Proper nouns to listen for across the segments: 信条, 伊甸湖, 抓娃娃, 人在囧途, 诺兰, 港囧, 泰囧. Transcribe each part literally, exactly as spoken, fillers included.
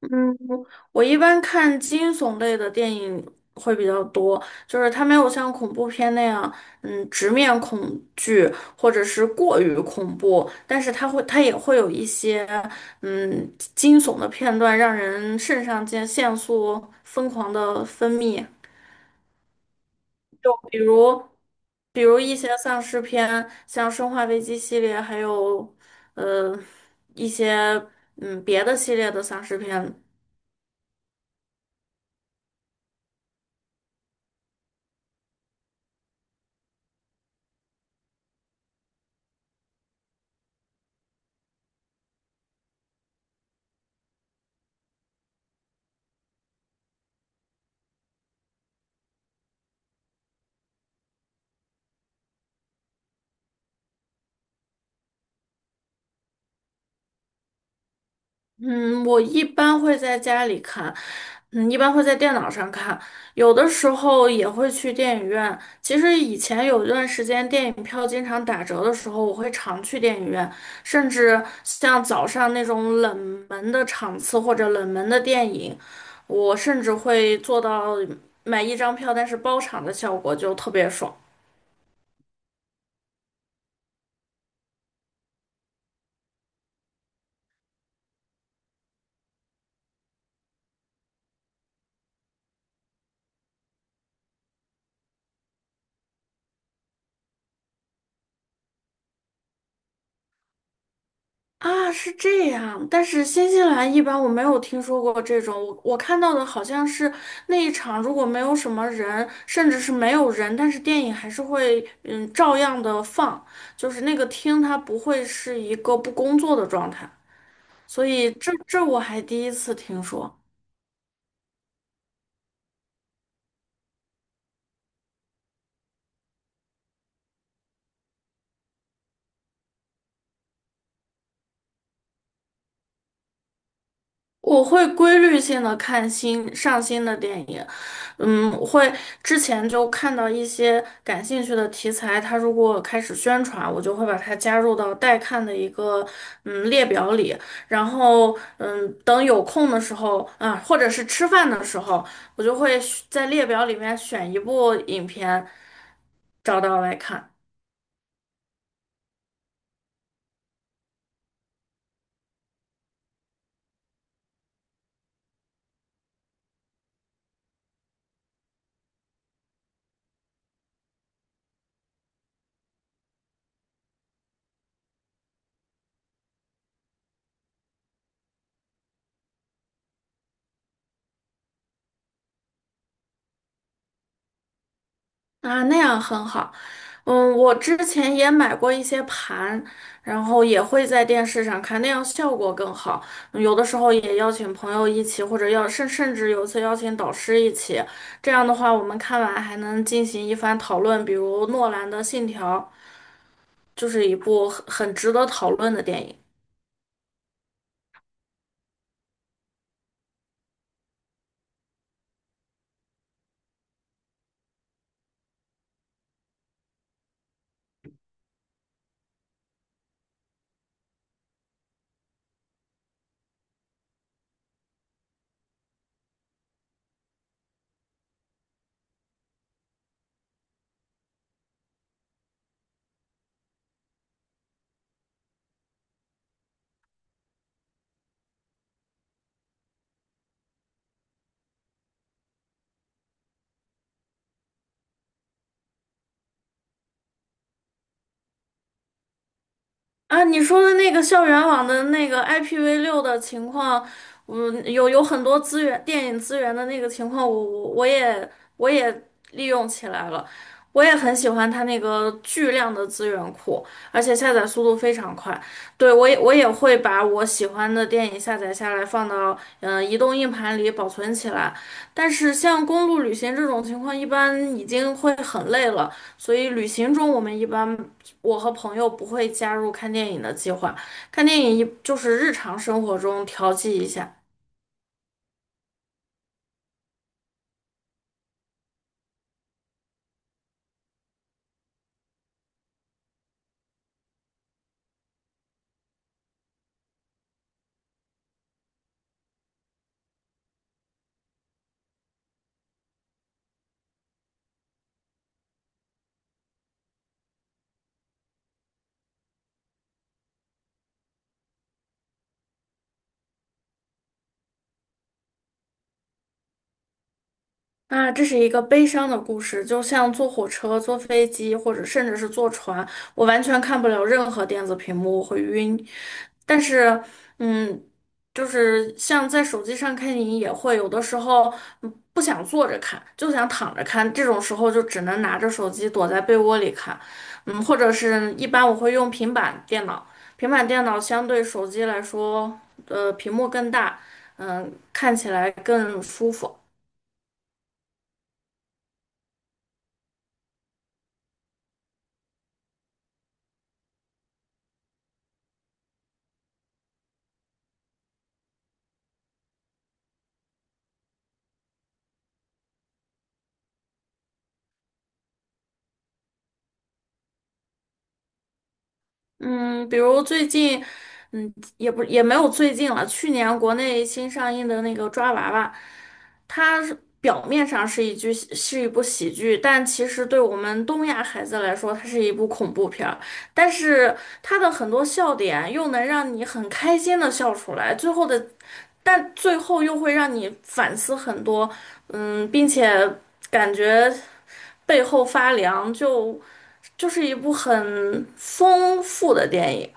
嗯，我一般看惊悚类的电影会比较多，就是它没有像恐怖片那样，嗯，直面恐惧或者是过于恐怖，但是它会，它也会有一些，嗯，惊悚的片段，让人肾上腺腺素疯狂的分泌，就比如，比如一些丧尸片，像《生化危机》系列，还有，呃，一些嗯别的系列的丧尸片。嗯，我一般会在家里看，嗯，一般会在电脑上看，有的时候也会去电影院。其实以前有一段时间电影票经常打折的时候，我会常去电影院，甚至像早上那种冷门的场次或者冷门的电影，我甚至会做到买一张票但是包场的效果，就特别爽。啊，是这样，但是新西兰一般我没有听说过这种，我我看到的好像是那一场如果没有什么人，甚至是没有人，但是电影还是会嗯照样的放，就是那个厅它不会是一个不工作的状态，所以这这我还第一次听说。我会规律性的看新上新的电影，嗯，会之前就看到一些感兴趣的题材，它如果开始宣传，我就会把它加入到待看的一个嗯列表里，然后嗯等有空的时候啊，或者是吃饭的时候，我就会在列表里面选一部影片，找到来看。啊，那样很好。嗯，我之前也买过一些盘，然后也会在电视上看，那样效果更好。嗯有的时候也邀请朋友一起，或者要甚甚至有一次邀请导师一起，这样的话我们看完还能进行一番讨论。比如诺兰的《信条》就是一部很很值得讨论的电影。啊，你说的那个校园网的那个 i p v 六的情况，嗯，有有很多资源，电影资源的那个情况，我我我也我也利用起来了，我也很喜欢它那个巨量的资源库，而且下载速度非常快。对，我也我也会把我喜欢的电影下载下来，放到嗯、呃移动硬盘里保存起来。但是像公路旅行这种情况，一般已经会很累了，所以旅行中我们一般。我和朋友不会加入看电影的计划，看电影一就是日常生活中调剂一下。啊，这是一个悲伤的故事，就像坐火车、坐飞机，或者甚至是坐船，我完全看不了任何电子屏幕，我会晕。但是，嗯，就是像在手机上看电影也会，有的时候嗯不想坐着看，就想躺着看，这种时候就只能拿着手机躲在被窝里看，嗯，或者是一般我会用平板电脑，平板电脑相对手机来说，呃，屏幕更大，嗯，看起来更舒服。嗯，比如最近，嗯，也不也没有最近了，去年国内新上映的那个《抓娃娃》，它是表面上是一剧是一部喜剧，但其实对我们东亚孩子来说，它是一部恐怖片儿。但是它的很多笑点又能让你很开心的笑出来，最后的，但最后又会让你反思很多，嗯，并且感觉背后发凉，就就是一部很丰富的电影。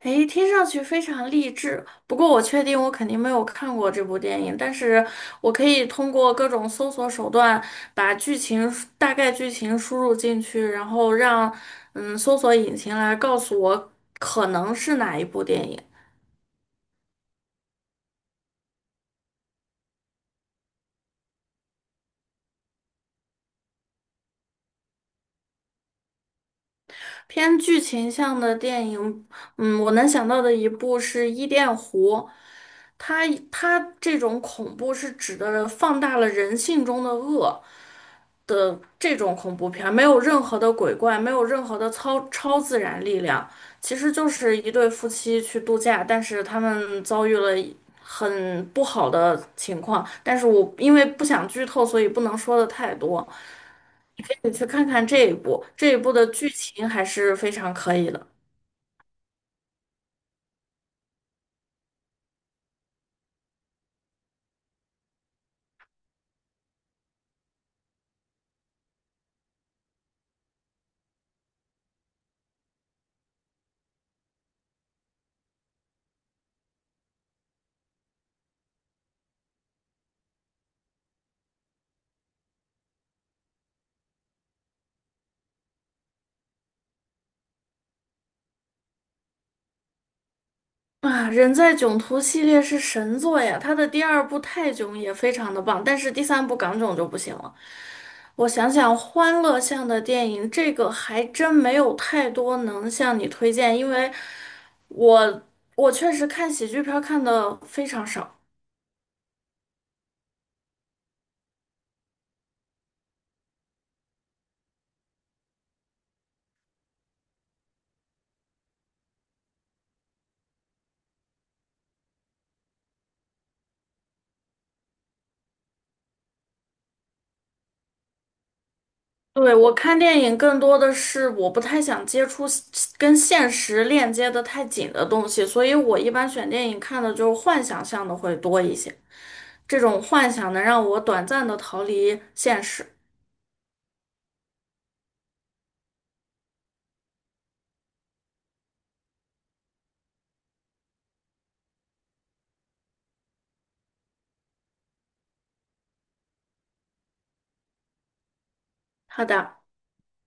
诶，听上去非常励志。不过我确定我肯定没有看过这部电影，但是我可以通过各种搜索手段把剧情大概剧情输入进去，然后让嗯搜索引擎来告诉我可能是哪一部电影。偏剧情向的电影，嗯，我能想到的一部是《伊甸湖》，它它这种恐怖是指的放大了人性中的恶。的这种恐怖片儿，没有任何的鬼怪，没有任何的超超自然力量，其实就是一对夫妻去度假，但是他们遭遇了很不好的情况。但是我因为不想剧透，所以不能说的太多。你可以去看看这一部，这一部的剧情还是非常可以的。啊，人在囧途系列是神作呀，它的第二部泰囧也非常的棒，但是第三部港囧就不行了。我想想，欢乐向的电影，这个还真没有太多能向你推荐，因为我我确实看喜剧片儿看的非常少。对，我看电影更多的是我不太想接触跟现实链接的太紧的东西，所以我一般选电影看的就是幻想向的会多一些。这种幻想能让我短暂的逃离现实。好的。